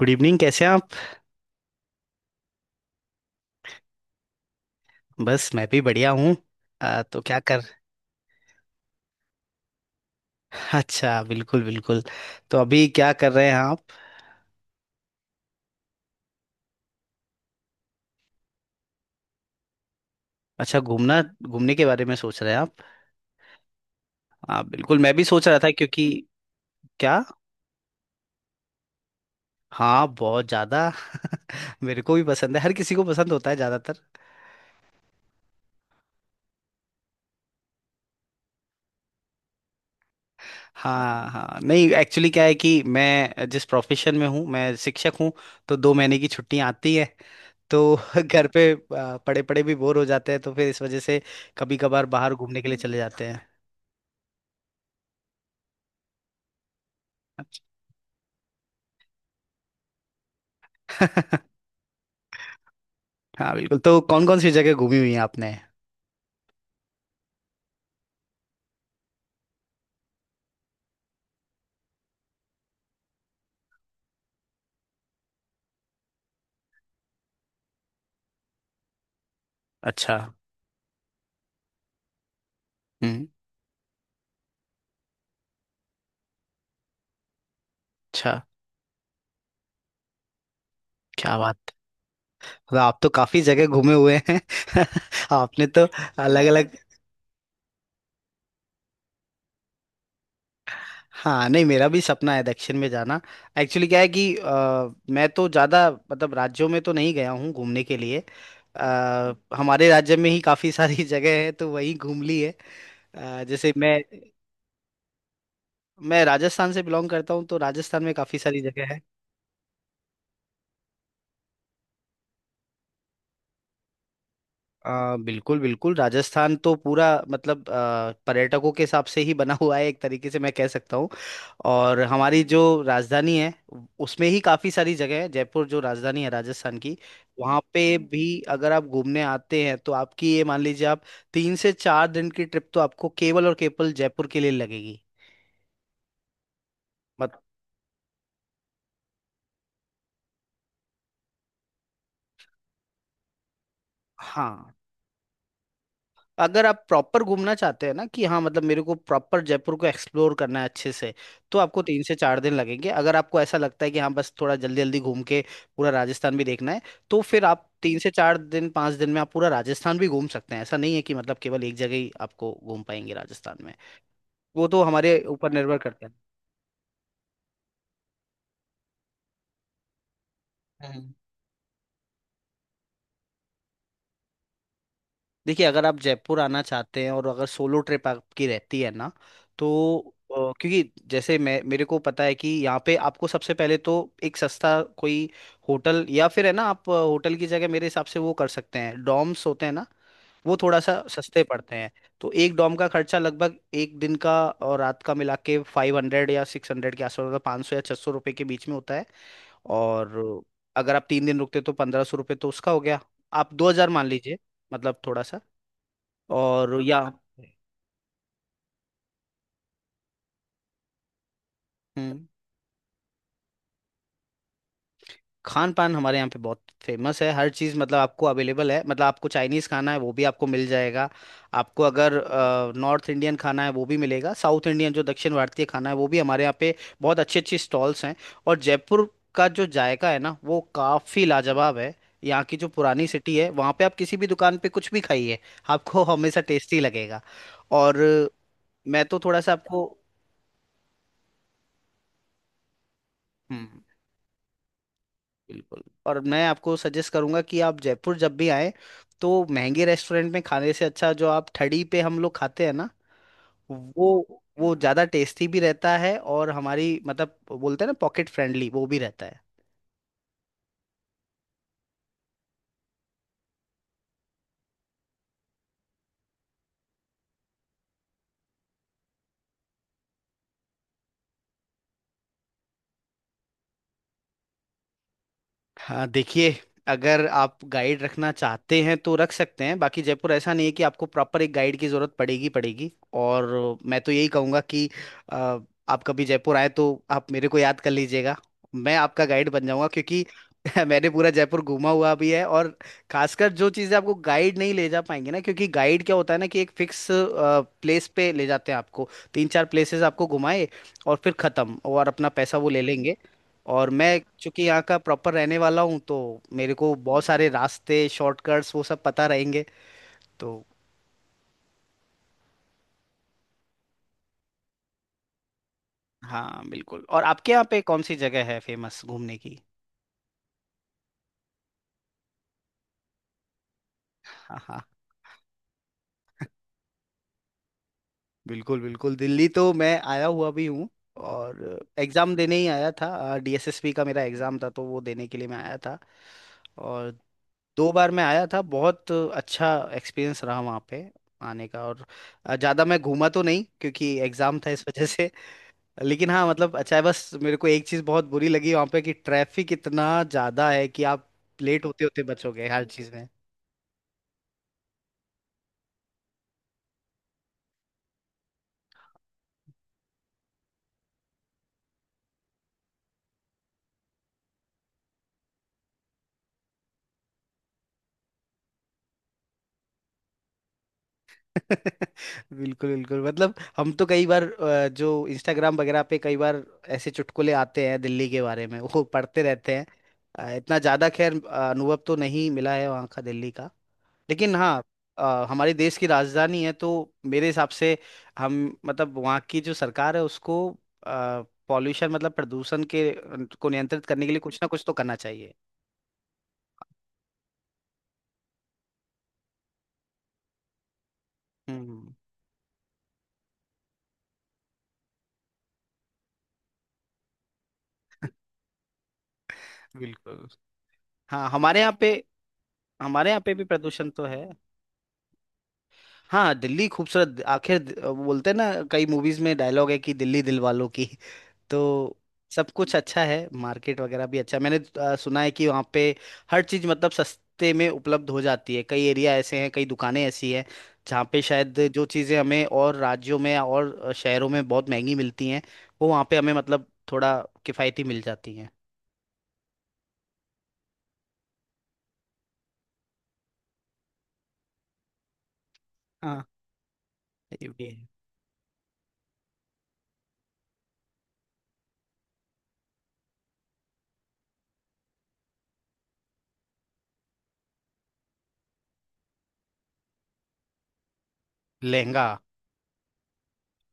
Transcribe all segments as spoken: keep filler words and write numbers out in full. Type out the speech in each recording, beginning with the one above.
Good evening कैसे हैं आप। बस मैं भी बढ़िया हूँ। आ, तो क्या कर अच्छा बिल्कुल बिल्कुल। तो अभी क्या कर रहे हैं आप। अच्छा घूमना घूमने के बारे में सोच रहे हैं आप। हाँ बिल्कुल मैं भी सोच रहा था क्योंकि क्या। हाँ बहुत ज़्यादा। मेरे को भी पसंद है, हर किसी को पसंद होता है ज़्यादातर। हाँ हाँ, नहीं एक्चुअली क्या है कि मैं जिस प्रोफेशन में हूँ, मैं शिक्षक हूँ। तो दो महीने की छुट्टियाँ आती है। तो घर पे आ, पड़े पड़े भी बोर हो जाते हैं तो फिर इस वजह से कभी कभार बाहर घूमने के लिए चले जाते हैं। हाँ बिल्कुल, तो कौन कौन सी जगह घूमी हुई है आपने। अच्छा। हम्म। अच्छा क्या बात है, मतलब आप तो काफी जगह घूमे हुए हैं। आपने तो अलग अलग। हाँ नहीं, मेरा भी सपना है दक्षिण में जाना। एक्चुअली क्या है कि अ, मैं तो ज्यादा मतलब राज्यों में तो नहीं गया हूँ घूमने के लिए। अ, हमारे राज्य में ही काफी सारी जगह है तो वही घूम ली है। अ, जैसे मैं मैं राजस्थान से बिलोंग करता हूँ तो राजस्थान में काफी सारी जगह है। आ, बिल्कुल बिल्कुल, राजस्थान तो पूरा मतलब आ, पर्यटकों के हिसाब से ही बना हुआ है एक तरीके से मैं कह सकता हूँ। और हमारी जो राजधानी है, उसमें ही काफ़ी सारी जगह है। जयपुर जो राजधानी है राजस्थान की, वहाँ पे भी अगर आप घूमने आते हैं तो आपकी ये मान लीजिए, आप तीन से चार दिन की ट्रिप तो आपको केवल और केवल जयपुर के लिए लगेगी। मत हाँ, अगर आप प्रॉपर घूमना चाहते हैं, ना कि हाँ मतलब मेरे को प्रॉपर जयपुर को एक्सप्लोर करना है अच्छे से, तो आपको तीन से चार दिन लगेंगे। अगर आपको ऐसा लगता है कि हाँ बस थोड़ा जल्दी जल्दी घूम के पूरा राजस्थान भी देखना है, तो फिर आप तीन से चार दिन पाँच दिन में आप पूरा राजस्थान भी घूम सकते हैं। ऐसा नहीं है कि मतलब केवल एक जगह ही आपको घूम पाएंगे राजस्थान में, वो तो हमारे ऊपर निर्भर करता है। देखिए, अगर आप जयपुर आना चाहते हैं और अगर सोलो ट्रिप आपकी रहती है ना, तो अ, क्योंकि जैसे मैं मेरे को पता है कि यहाँ पे आपको सबसे पहले तो एक सस्ता कोई होटल, या फिर है ना आप अ, होटल की जगह मेरे हिसाब से वो कर सकते हैं, डॉम्स होते हैं ना, वो थोड़ा सा सस्ते पड़ते हैं। तो एक डॉम का खर्चा लगभग एक दिन का और रात का मिला के फाइव हंड्रेड या सिक्स हंड्रेड के आसपास, मतलब पाँच सौ या छः सौ रुपये के बीच में होता है। और अगर आप तीन दिन रुकते तो पंद्रह सौ रुपये तो उसका हो गया। आप दो हज़ार मान लीजिए, मतलब थोड़ा सा। और या हम्म खान पान हमारे यहाँ पे बहुत फेमस है। हर चीज़ मतलब आपको अवेलेबल है। मतलब आपको चाइनीज़ खाना है वो भी आपको मिल जाएगा, आपको अगर नॉर्थ इंडियन खाना है वो भी मिलेगा, साउथ इंडियन जो दक्षिण भारतीय खाना है वो भी हमारे यहाँ पे बहुत अच्छी अच्छी स्टॉल्स हैं। और जयपुर का जो जायका है ना वो काफ़ी लाजवाब है। यहाँ की जो पुरानी सिटी है वहाँ पे आप किसी भी दुकान पे कुछ भी खाइए, आपको हमेशा टेस्टी लगेगा। और मैं तो थोड़ा सा आपको बिल्कुल, और मैं आपको सजेस्ट करूंगा कि आप जयपुर जब भी आए तो महंगे रेस्टोरेंट में खाने से अच्छा जो आप थड़ी पे हम लोग खाते हैं ना, वो वो ज्यादा टेस्टी भी रहता है और हमारी मतलब बोलते हैं ना पॉकेट फ्रेंडली, वो भी रहता है। हाँ देखिए, अगर आप गाइड रखना चाहते हैं तो रख सकते हैं, बाकी जयपुर ऐसा नहीं है कि आपको प्रॉपर एक गाइड की ज़रूरत पड़ेगी पड़ेगी। और मैं तो यही कहूँगा कि अ, आप कभी जयपुर आए तो आप मेरे को याद कर लीजिएगा, मैं आपका गाइड बन जाऊँगा क्योंकि मैंने पूरा जयपुर घूमा हुआ भी है। और खासकर जो चीज़ें आपको गाइड नहीं ले जा पाएंगे ना, क्योंकि गाइड क्या होता है ना कि एक फिक्स प्लेस पे ले जाते हैं आपको, तीन चार प्लेसेस आपको घुमाए और फिर ख़त्म, और अपना पैसा वो ले लेंगे। और मैं चूंकि यहाँ का प्रॉपर रहने वाला हूँ तो मेरे को बहुत सारे रास्ते शॉर्टकट्स वो सब पता रहेंगे। तो हाँ बिल्कुल, और आपके यहाँ पे कौन सी जगह है फेमस घूमने की। हाँ हाँ बिल्कुल बिल्कुल, दिल्ली तो मैं आया हुआ भी हूँ। और एग्ज़ाम देने ही आया था, डी एस एस बी का मेरा एग्ज़ाम था तो वो देने के लिए मैं आया था। और दो बार मैं आया था, बहुत अच्छा एक्सपीरियंस रहा वहाँ पे आने का। और ज़्यादा मैं घूमा तो नहीं क्योंकि एग्ज़ाम था इस वजह से, लेकिन हाँ मतलब अच्छा है। बस मेरे को एक चीज बहुत बुरी लगी वहां पे कि ट्रैफिक इतना ज्यादा है कि आप लेट होते होते बचोगे हर चीज में। बिल्कुल बिल्कुल, मतलब हम तो कई बार अ, जो इंस्टाग्राम वगैरह पे कई बार ऐसे चुटकुले आते हैं दिल्ली के बारे में वो पढ़ते रहते हैं। अ, इतना ज्यादा खैर अ, अनुभव तो नहीं मिला है वहाँ का दिल्ली का, लेकिन हाँ अ, हमारे देश की राजधानी है तो मेरे हिसाब से हम मतलब वहाँ की जो सरकार है उसको पॉल्यूशन मतलब प्रदूषण के अ, को नियंत्रित करने के लिए कुछ ना कुछ तो करना चाहिए। हम्म, बिल्कुल। हाँ हमारे यहाँ पे, हमारे यहाँ पे भी प्रदूषण तो है। हाँ दिल्ली खूबसूरत आखिर द- बोलते हैं ना, कई मूवीज में डायलॉग है कि दिल्ली दिल वालों की। तो सब कुछ अच्छा है, मार्केट वगैरह भी अच्छा है। मैंने आ, सुना है कि वहाँ पे हर चीज़ मतलब सस्ते में उपलब्ध हो जाती है। कई एरिया ऐसे हैं, कई दुकानें ऐसी हैं जहाँ पे शायद जो चीज़ें हमें और राज्यों में और अ, शहरों में बहुत महंगी मिलती हैं वो वहाँ पे हमें मतलब थोड़ा किफ़ायती मिल जाती हैं। हाँ ये भी है। लहंगा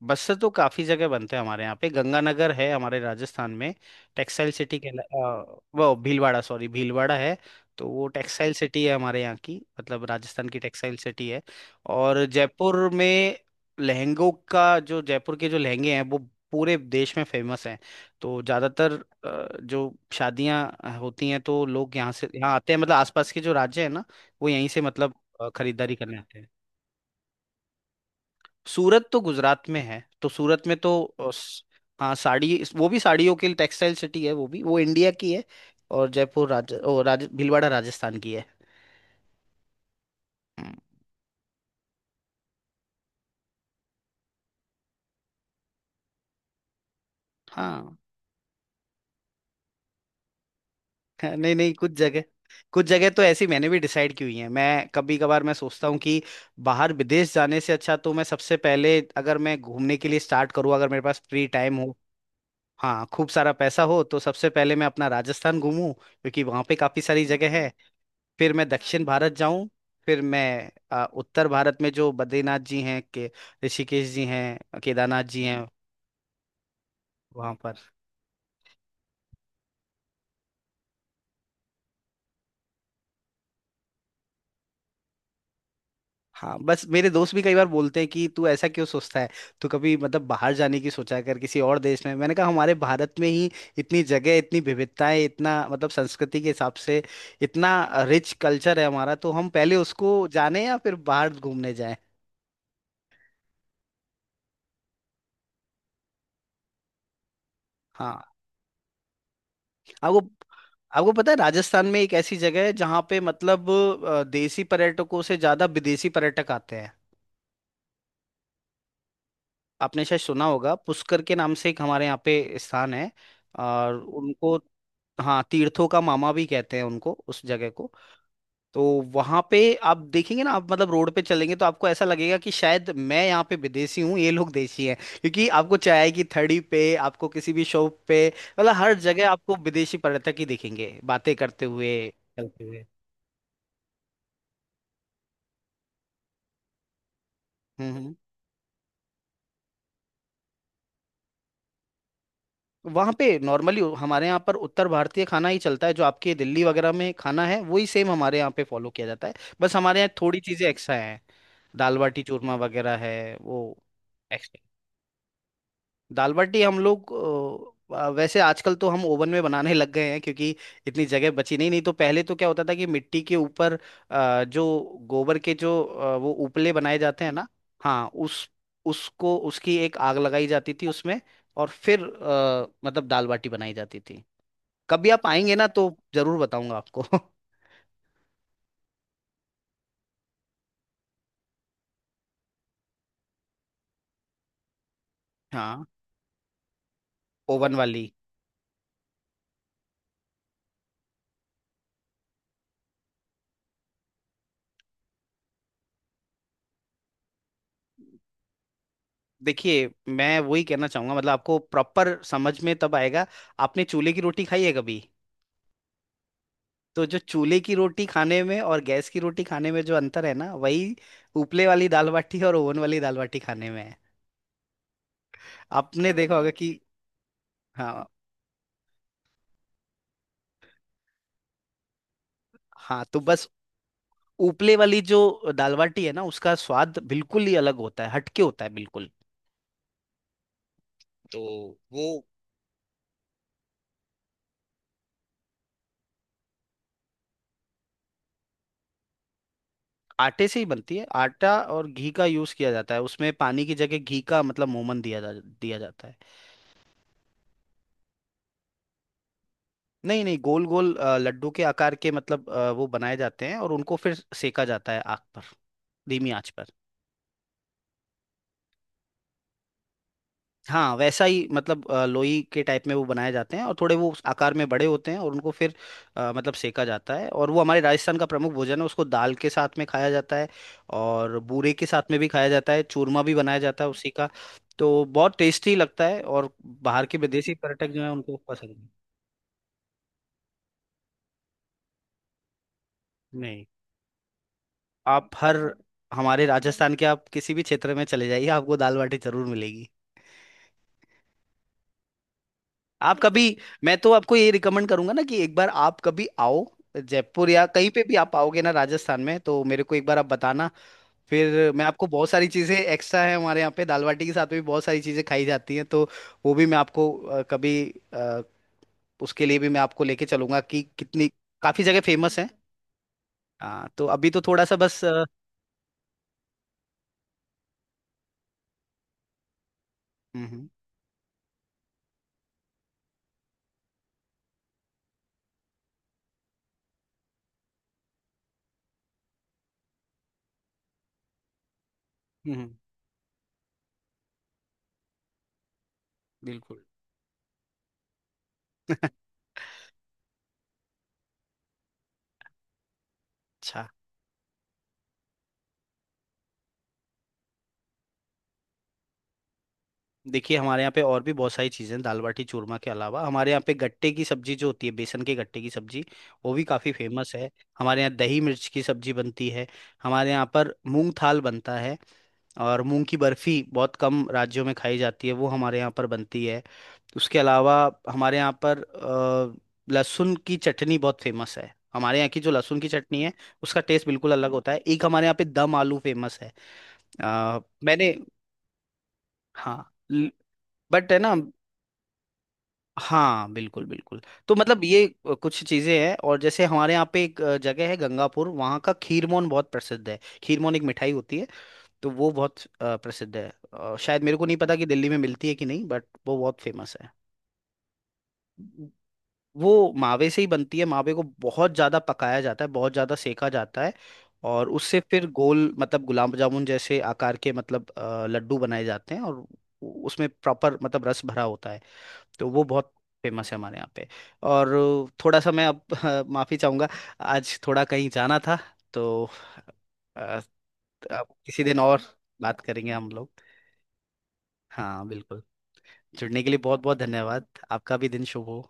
बस से तो काफी जगह बनते हैं हमारे यहाँ पे, गंगानगर है हमारे राजस्थान में टेक्सटाइल सिटी के, वो भीलवाड़ा, सॉरी भीलवाड़ा है। तो वो टेक्सटाइल सिटी है हमारे यहाँ की, मतलब राजस्थान की टेक्सटाइल सिटी है। और जयपुर में लहंगों का, जो जयपुर के जो लहंगे हैं वो पूरे देश में फेमस हैं। तो ज़्यादातर अ, जो शादियाँ होती हैं तो लोग यहाँ से, यहाँ आते हैं, मतलब आसपास के जो राज्य है ना वो यहीं से मतलब अ, खरीदारी करने आते हैं। सूरत तो गुजरात में है, तो सूरत में तो अ, स- हाँ साड़ी इस- वो भी साड़ियों के लिए टेक्सटाइल सिटी है, वो भी वो इंडिया की है। और जयपुर राज ओ राज भीलवाड़ा राजस्थान की है। हम्म, हाँ हाँ, नहीं नहीं कुछ जगह, कुछ जगह तो ऐसी मैंने भी डिसाइड की हुई है। मैं कभी कभार मैं सोचता हूँ कि बाहर विदेश जाने से अच्छा तो मैं सबसे पहले, अगर मैं घूमने के लिए स्टार्ट करूँ, अगर मेरे पास फ्री टाइम हो, हाँ खूब सारा पैसा हो, तो सबसे पहले मैं अपना राजस्थान घूमूं क्योंकि वहां पे काफी सारी जगह है। फिर मैं दक्षिण भारत जाऊं, फिर मैं अ, उत्तर भारत में जो बद्रीनाथ जी हैं के, ऋषिकेश जी हैं, केदारनाथ जी हैं वहां पर। हाँ बस मेरे दोस्त भी कई बार बोलते हैं कि तू ऐसा क्यों सोचता है, तू कभी मतलब बाहर जाने की सोचा कर, किसी और देश में। मैंने कहा हमारे भारत में ही इतनी जगह, इतनी विविधताएं, इतना मतलब संस्कृति के हिसाब से इतना रिच कल्चर है हमारा, तो हम पहले उसको जाने या फिर बाहर घूमने जाएं। हाँ। आपको आपको पता है राजस्थान में एक ऐसी जगह है जहाँ पे मतलब अ, देसी पर्यटकों से ज्यादा विदेशी पर्यटक आते हैं। आपने शायद सुना होगा पुष्कर के नाम से, एक हमारे यहाँ पे स्थान है, और उनको, हाँ तीर्थों का मामा भी कहते हैं उनको, उस जगह को। तो वहाँ पे आप देखेंगे ना, आप मतलब रोड पे चलेंगे तो आपको ऐसा लगेगा कि शायद मैं यहाँ पे विदेशी हूँ, ये लोग देशी हैं। क्योंकि आपको चाय की थड़ी पे, आपको किसी भी शॉप पे, मतलब हर जगह आपको विदेशी पर्यटक ही दिखेंगे बातें करते हुए चलते हुए। हम्म वहाँ पे नॉर्मली हमारे यहाँ पर उत्तर भारतीय खाना ही चलता है, जो आपके दिल्ली वगैरह में खाना है वही सेम हमारे यहाँ पे फॉलो किया जाता है। बस हमारे यहाँ थोड़ी चीजें एक्स्ट्रा हैं, दाल बाटी चूरमा वगैरह है वो। दाल बाटी हम लोग अ, अ, वैसे आजकल तो हम ओवन में बनाने लग गए हैं, क्योंकि इतनी जगह बची नहीं, नहीं तो पहले तो क्या होता था कि मिट्टी के ऊपर अ, जो गोबर के जो अ, वो उपले बनाए जाते हैं ना, हाँ उस उसको, उसकी एक आग लगाई जाती थी उसमें और फिर अ, मतलब दाल बाटी बनाई जाती थी। कभी आप आएंगे ना तो जरूर बताऊंगा आपको। हाँ ओवन वाली। देखिए मैं वही कहना चाहूंगा, मतलब आपको प्रॉपर समझ में तब आएगा, आपने चूल्हे की रोटी खाई है कभी। तो जो चूल्हे की रोटी खाने में और गैस की रोटी खाने में जो अंतर है ना, वही उपले वाली दाल बाटी और ओवन वाली दाल बाटी खाने में है। आपने देखा होगा कि। हाँ हाँ, तो बस उपले वाली जो दाल बाटी है ना, उसका स्वाद बिल्कुल ही अलग होता है, हटके होता है बिल्कुल। तो वो आटे से ही बनती है। आटा और घी का यूज किया जाता है उसमें, पानी की जगह घी का मतलब मोमन दिया जा दिया जाता है। नहीं नहीं, गोल गोल अ, लड्डू के आकार के मतलब अ, वो बनाए जाते हैं और उनको फिर सेका जाता है आग पर, धीमी आंच पर। हाँ वैसा ही मतलब अ, लोई के टाइप में वो बनाए जाते हैं और थोड़े वो उस आकार में बड़े होते हैं और उनको फिर अ, मतलब सेका जाता है। और वो हमारे राजस्थान का प्रमुख भोजन है। उसको दाल के साथ में खाया जाता है और बूरे के साथ में भी खाया जाता है, चूरमा भी बनाया जाता है उसी का। तो बहुत टेस्टी लगता है और बाहर के विदेशी पर्यटक जो है, उनको पसंद है। नहीं, आप हर हमारे राजस्थान के आप किसी भी क्षेत्र में चले जाइए, आपको दाल बाटी जरूर मिलेगी। आप कभी मैं तो आपको ये रिकमेंड करूंगा ना कि एक बार आप कभी आओ, जयपुर या कहीं पे भी आप आओगे ना राजस्थान में, तो मेरे को एक बार आप बताना। फिर मैं आपको बहुत सारी चीजें एक्स्ट्रा है हमारे यहाँ पे दाल बाटी के साथ, भी बहुत सारी चीजें खाई जाती हैं। तो वो भी मैं आपको अ, कभी अ, उसके लिए भी मैं आपको लेके चलूंगा कि कितनी काफी जगह फेमस है। हाँ, तो अभी तो थोड़ा सा बस अ, हम्म हम्म हम्म, बिल्कुल। अच्छा, देखिए हमारे यहाँ पे और भी बहुत सारी चीज़ें हैं दाल बाटी चूरमा के अलावा। हमारे यहाँ पे गट्टे की सब्जी जो होती है, बेसन के गट्टे की सब्जी, वो भी काफ़ी फेमस है। हमारे यहाँ दही मिर्च की सब्जी बनती है। हमारे यहाँ पर मूंग थाल बनता है। और मूंग की बर्फी बहुत कम राज्यों में खाई जाती है, वो हमारे यहाँ पर बनती है। उसके अलावा हमारे यहाँ पर अ, लहसुन की चटनी बहुत फेमस है। हमारे यहाँ की जो लहसुन की चटनी है, उसका टेस्ट बिल्कुल अलग होता है। एक हमारे यहाँ पे दम आलू फेमस है। अ, मैंने हाँ, बट है ना। हाँ बिल्कुल बिल्कुल। तो मतलब ये अ, कुछ चीजें हैं। और जैसे हमारे यहाँ पे एक अ, जगह है गंगापुर, वहाँ का खीरमोन बहुत प्रसिद्ध है। खीरमोन एक मिठाई होती है, तो वो बहुत अ, प्रसिद्ध है। अ, शायद मेरे को नहीं पता कि दिल्ली में मिलती है कि नहीं, बट वो बहुत फेमस है। हम्म। वो मावे से ही बनती है। मावे को बहुत ज्यादा पकाया जाता है, बहुत ज्यादा सेका जाता है, और उससे फिर गोल मतलब गुलाब जामुन जैसे आकार के मतलब अ, लड्डू बनाए जाते हैं। और उ- उसमें प्रॉपर मतलब रस भरा होता है, तो वो बहुत फेमस है हमारे यहाँ पे। और थोड़ा सा मैं अब माफ़ी चाहूँगा, आज थोड़ा कहीं जाना था, तो अ, अब किसी दिन और बात करेंगे हम लोग। हाँ बिल्कुल, जुड़ने के लिए बहुत बहुत धन्यवाद। आपका भी दिन शुभ हो।